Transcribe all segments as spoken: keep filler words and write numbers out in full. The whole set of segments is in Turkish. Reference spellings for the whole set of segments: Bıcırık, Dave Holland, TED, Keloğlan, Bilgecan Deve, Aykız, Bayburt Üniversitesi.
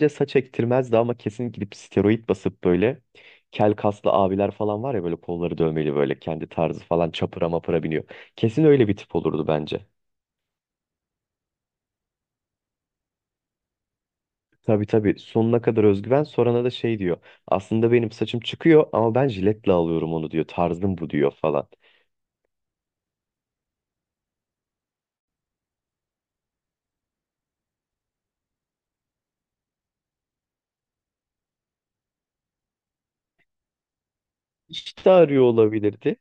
De saç ektirmezdi ama kesin gidip steroid basıp böyle kel kaslı abiler falan var ya, böyle kolları dövmeli, böyle kendi tarzı falan, çapıra mapıra biniyor. Kesin öyle bir tip olurdu bence. Tabii tabii, sonuna kadar özgüven, sorana da şey diyor. Aslında benim saçım çıkıyor ama ben jiletle alıyorum onu diyor. Tarzım bu diyor falan. İşte arıyor olabilirdi.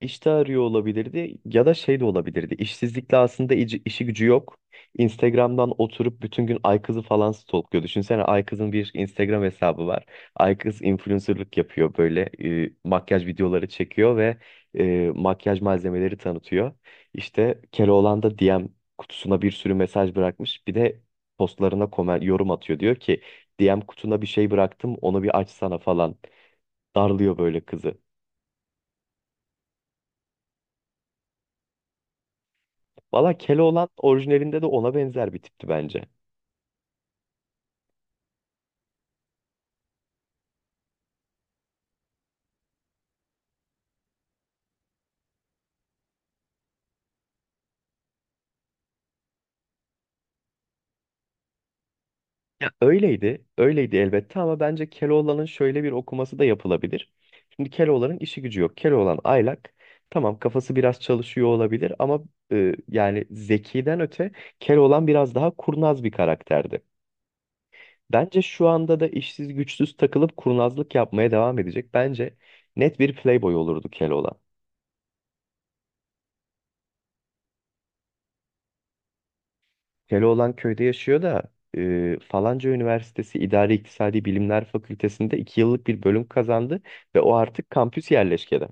İşte arıyor olabilirdi ya da şey de olabilirdi. İşsizlikle aslında ici- işi gücü yok. Instagram'dan oturup bütün gün Aykız'ı falan stalkluyor. Düşünsene Aykız'ın bir Instagram hesabı var. Aykız influencerlık yapıyor, böyle e, makyaj videoları çekiyor ve e, makyaj malzemeleri tanıtıyor. İşte Keloğlan da D M kutusuna bir sürü mesaj bırakmış. Bir de postlarına komen, yorum atıyor. Diyor ki D M kutuna bir şey bıraktım, onu bir açsana falan. Darlıyor böyle kızı. Valla Keloğlan orijinalinde de ona benzer bir tipti bence. Ya öyleydi, öyleydi elbette, ama bence Keloğlan'ın şöyle bir okuması da yapılabilir. Şimdi Keloğlan'ın işi gücü yok. Keloğlan aylak. Tamam, kafası biraz çalışıyor olabilir ama e, yani zekiden öte Keloğlan biraz daha kurnaz bir karakterdi. Bence şu anda da işsiz güçsüz takılıp kurnazlık yapmaya devam edecek. Bence net bir playboy olurdu Keloğlan. Keloğlan köyde yaşıyor da e, falanca üniversitesi İdari İktisadi Bilimler Fakültesi'nde iki yıllık bir bölüm kazandı ve o artık kampüs yerleşkede.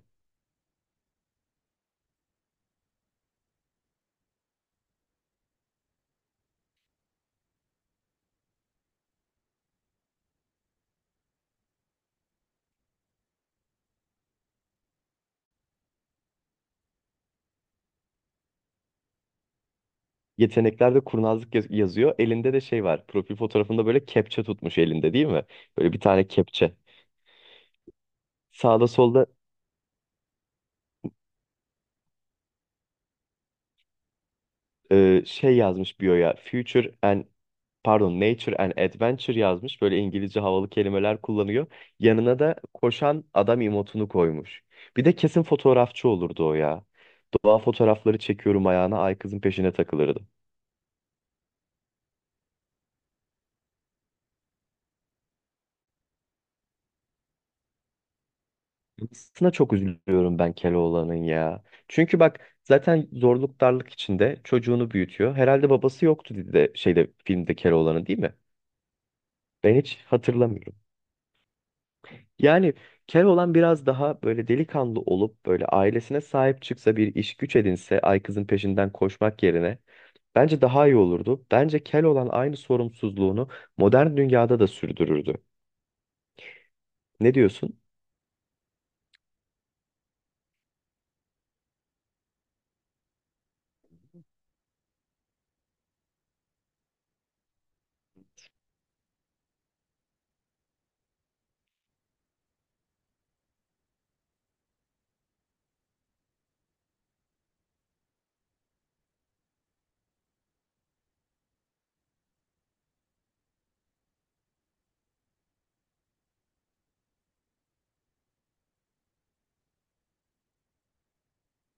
Yeteneklerde kurnazlık yaz- yazıyor. Elinde de şey var. Profil fotoğrafında böyle kepçe tutmuş elinde, değil mi? Böyle bir tane kepçe. Sağda solda e, şey yazmış biyoya, Future and, pardon, Nature and Adventure yazmış. Böyle İngilizce havalı kelimeler kullanıyor. Yanına da koşan adam emotunu koymuş. Bir de kesin fotoğrafçı olurdu o ya. Doğa fotoğrafları çekiyorum ayağına ay kızın peşine takılırdı. Aslında çok üzülüyorum ben Keloğlan'ın ya. Çünkü bak zaten zorluk darlık içinde çocuğunu büyütüyor. Herhalde babası yoktu dedi de şeyde, filmde, Keloğlan'ın, değil mi? Ben hiç hatırlamıyorum. Yani Keloğlan biraz daha böyle delikanlı olup böyle ailesine sahip çıksa, bir iş güç edinse, Aykız'ın peşinden koşmak yerine bence daha iyi olurdu. Bence Keloğlan aynı sorumsuzluğunu modern dünyada da sürdürürdü. Ne diyorsun?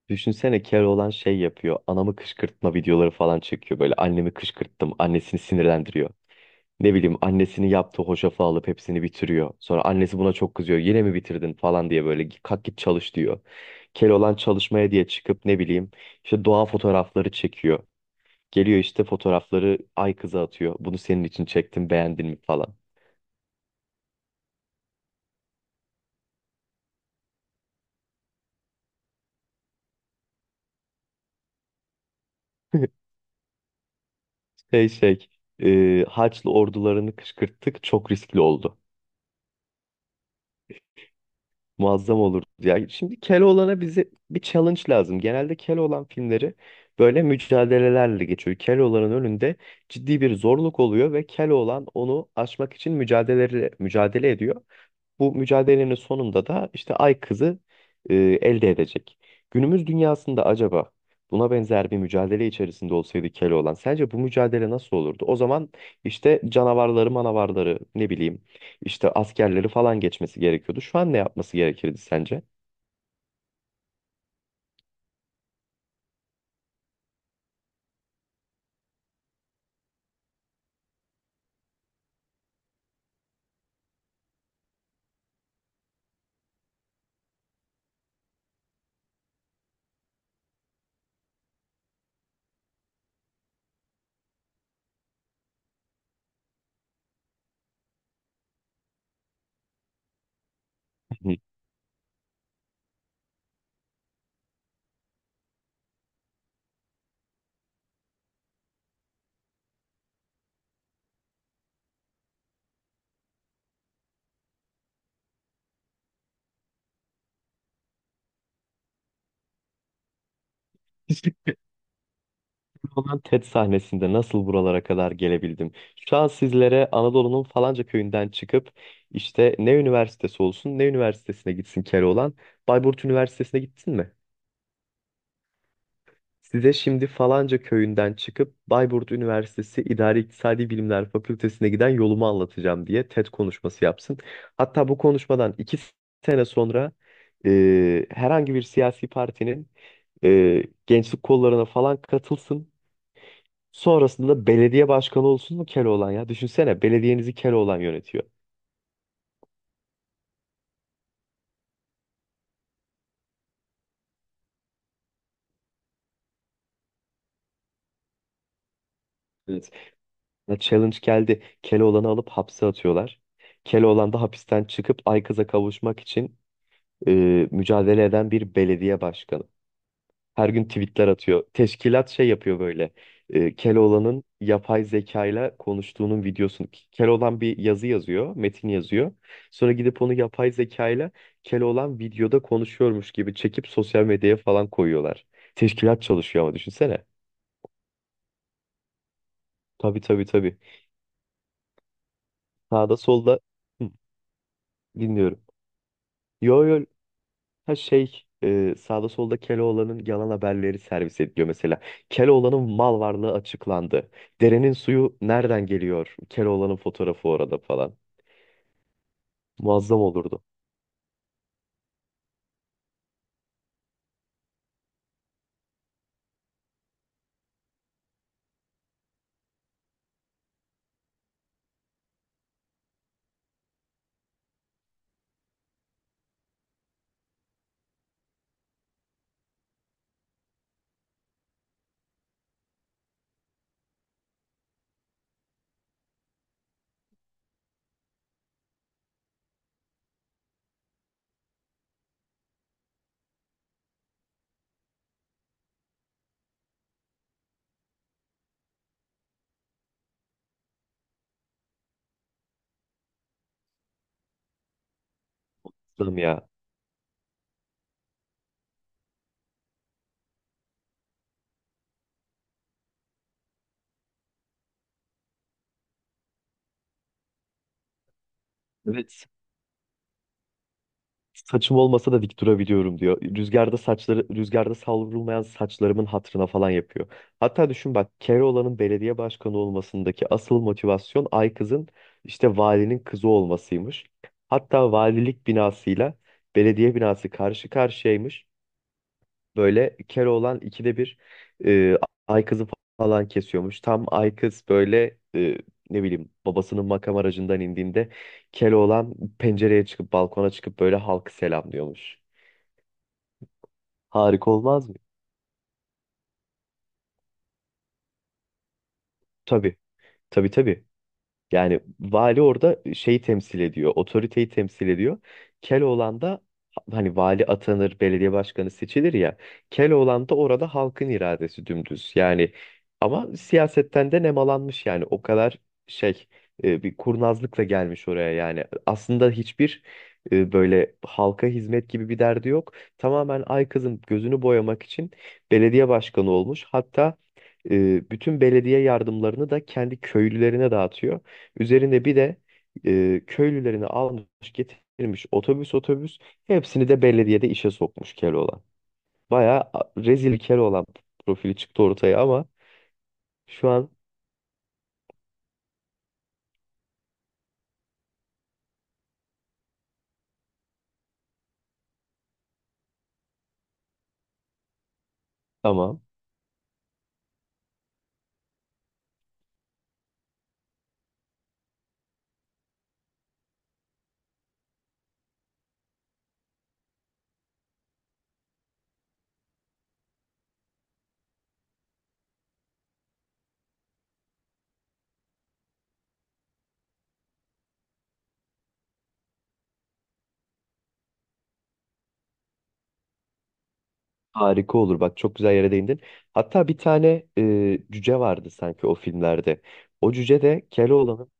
Düşünsene Keloğlan şey yapıyor. Anamı kışkırtma videoları falan çekiyor. Böyle annemi kışkırttım, annesini sinirlendiriyor. Ne bileyim annesinin yaptığı hoşafı alıp hepsini bitiriyor. Sonra annesi buna çok kızıyor. Yine mi bitirdin falan diye, böyle kalk git çalış diyor. Keloğlan çalışmaya diye çıkıp ne bileyim işte doğa fotoğrafları çekiyor. Geliyor işte fotoğrafları ay kıza atıyor. Bunu senin için çektim, beğendin mi falan. Şey şey e, Haçlı ordularını kışkırttık, çok riskli oldu. Muazzam olur. Ya şimdi Keloğlan'a, bize bir challenge lazım. Genelde Keloğlan filmleri böyle mücadelelerle geçiyor. Keloğlan'ın önünde ciddi bir zorluk oluyor ve Keloğlan onu aşmak için mücadele mücadele ediyor. Bu mücadelenin sonunda da işte Ay Kızı e, elde edecek. Günümüz dünyasında acaba buna benzer bir mücadele içerisinde olsaydı Keloğlan, sence bu mücadele nasıl olurdu? O zaman işte canavarları, manavarları, ne bileyim işte askerleri falan geçmesi gerekiyordu. Şu an ne yapması gerekirdi sence? Hı. Olan TED sahnesinde nasıl buralara kadar gelebildim? Şu an sizlere Anadolu'nun falanca köyünden çıkıp, işte ne üniversitesi olsun, ne üniversitesine gitsin Keloğlan? Bayburt Üniversitesi'ne gitsin mi? Size şimdi falanca köyünden çıkıp Bayburt Üniversitesi İdari İktisadi Bilimler Fakültesine giden yolumu anlatacağım diye TED konuşması yapsın. Hatta bu konuşmadan iki sene sonra e, herhangi bir siyasi partinin e, gençlik kollarına falan katılsın. Sonrasında belediye başkanı olsun mu Keloğlan ya? Düşünsene, belediyenizi Keloğlan yönetiyor. Evet. Ya challenge geldi. Keloğlan'ı alıp hapse atıyorlar. Keloğlan da hapisten çıkıp Aykız'a kavuşmak için e, mücadele eden bir belediye başkanı. Her gün tweetler atıyor. Teşkilat şey yapıyor böyle. E, Keloğlan'ın yapay zekayla konuştuğunun videosunu. Keloğlan bir yazı yazıyor, metin yazıyor. Sonra gidip onu yapay zekayla, Keloğlan videoda konuşuyormuş gibi çekip sosyal medyaya falan koyuyorlar. Teşkilat çalışıyor ama, düşünsene. Tabii tabii tabii. Sağda solda hı, dinliyorum. Yo yo, ha şey, e, sağda solda Keloğlan'ın yalan haberleri servis ediliyor mesela. Keloğlan'ın mal varlığı açıklandı. Derenin suyu nereden geliyor? Keloğlan'ın fotoğrafı orada falan. Muazzam olurdu. Muazzam ya. Evet. Saçım olmasa da dik durabiliyorum diyor. Rüzgarda saçları, rüzgarda savrulmayan saçlarımın hatırına falan yapıyor. Hatta düşün bak, Keloğlan'ın belediye başkanı olmasındaki asıl motivasyon ay kızın işte valinin kızı olmasıymış. Hatta valilik binasıyla belediye binası karşı karşıyaymış, böyle Keloğlan ikide bir e, ay kızı falan kesiyormuş. Tam ay kız böyle, e, ne bileyim, babasının makam aracından indiğinde Keloğlan pencereye çıkıp, balkona çıkıp böyle halkı selamlıyormuş. Harika olmaz mı? Tabii tabii tabii. Yani vali orada şeyi temsil ediyor, otoriteyi temsil ediyor. Keloğlan da, hani vali atanır, belediye başkanı seçilir ya. Keloğlan da orada halkın iradesi dümdüz. Yani ama siyasetten de nemalanmış, yani o kadar şey, e, bir kurnazlıkla gelmiş oraya yani. Aslında hiçbir e, böyle halka hizmet gibi bir derdi yok. Tamamen ay kızın gözünü boyamak için belediye başkanı olmuş. Hatta e, bütün belediye yardımlarını da kendi köylülerine dağıtıyor. Üzerinde bir de e, köylülerini almış getirmiş, otobüs otobüs hepsini de belediyede işe sokmuş Keloğlan. Bayağı a- rezil Keloğlan profili çıktı ortaya ama şu an tamam, harika olur bak, çok güzel yere değindin. Hatta bir tane e, cüce vardı sanki o filmlerde. O cüce de Keloğlan'ın,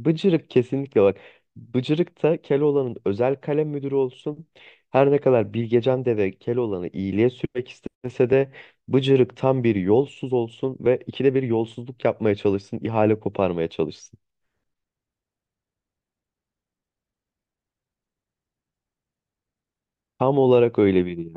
Bıcırık kesinlikle bak. Bıcırık da Keloğlan'ın özel kalem müdürü olsun. Her ne kadar Bilgecan Deve Keloğlan'ı iyiliğe sürmek istese de Bıcırık tam bir yolsuz olsun ve ikide bir yolsuzluk yapmaya çalışsın, ihale koparmaya çalışsın. Tam olarak öyle biri ya.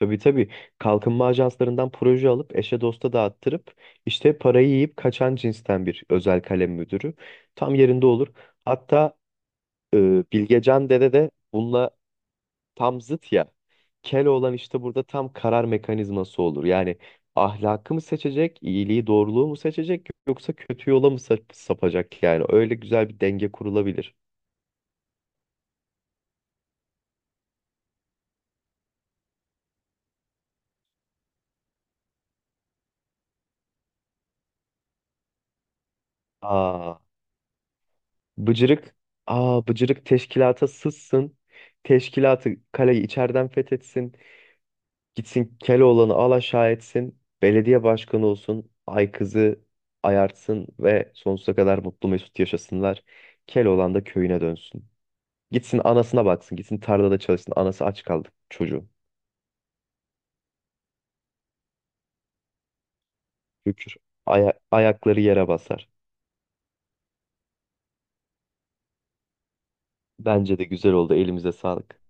Tabii tabii, kalkınma ajanslarından proje alıp eşe dosta dağıttırıp işte parayı yiyip kaçan cinsten bir özel kalem müdürü. Tam yerinde olur. Hatta e, Bilgecan Dede de bununla tam zıt ya. Olan işte burada tam karar mekanizması olur. Yani ahlakı mı seçecek, iyiliği, doğruluğu mu seçecek, yoksa kötü yola mı sap- sapacak yani. Öyle güzel bir denge kurulabilir. Aa, bıcırık, aa bıcırık teşkilata sızsın. Teşkilatı, kaleyi içeriden fethetsin. Gitsin Keloğlan'ı al aşağı etsin. Belediye başkanı olsun. Ay kızı ayartsın ve sonsuza kadar mutlu mesut yaşasınlar. Keloğlan da köyüne dönsün. Gitsin anasına baksın. Gitsin tarlada çalışsın. Anası aç kaldı, çocuğu. Şükür. Aya- ayakları yere basar. Bence de güzel oldu. Elimize sağlık.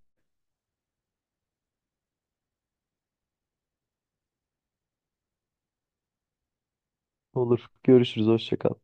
Olur. Görüşürüz. Hoşça kal.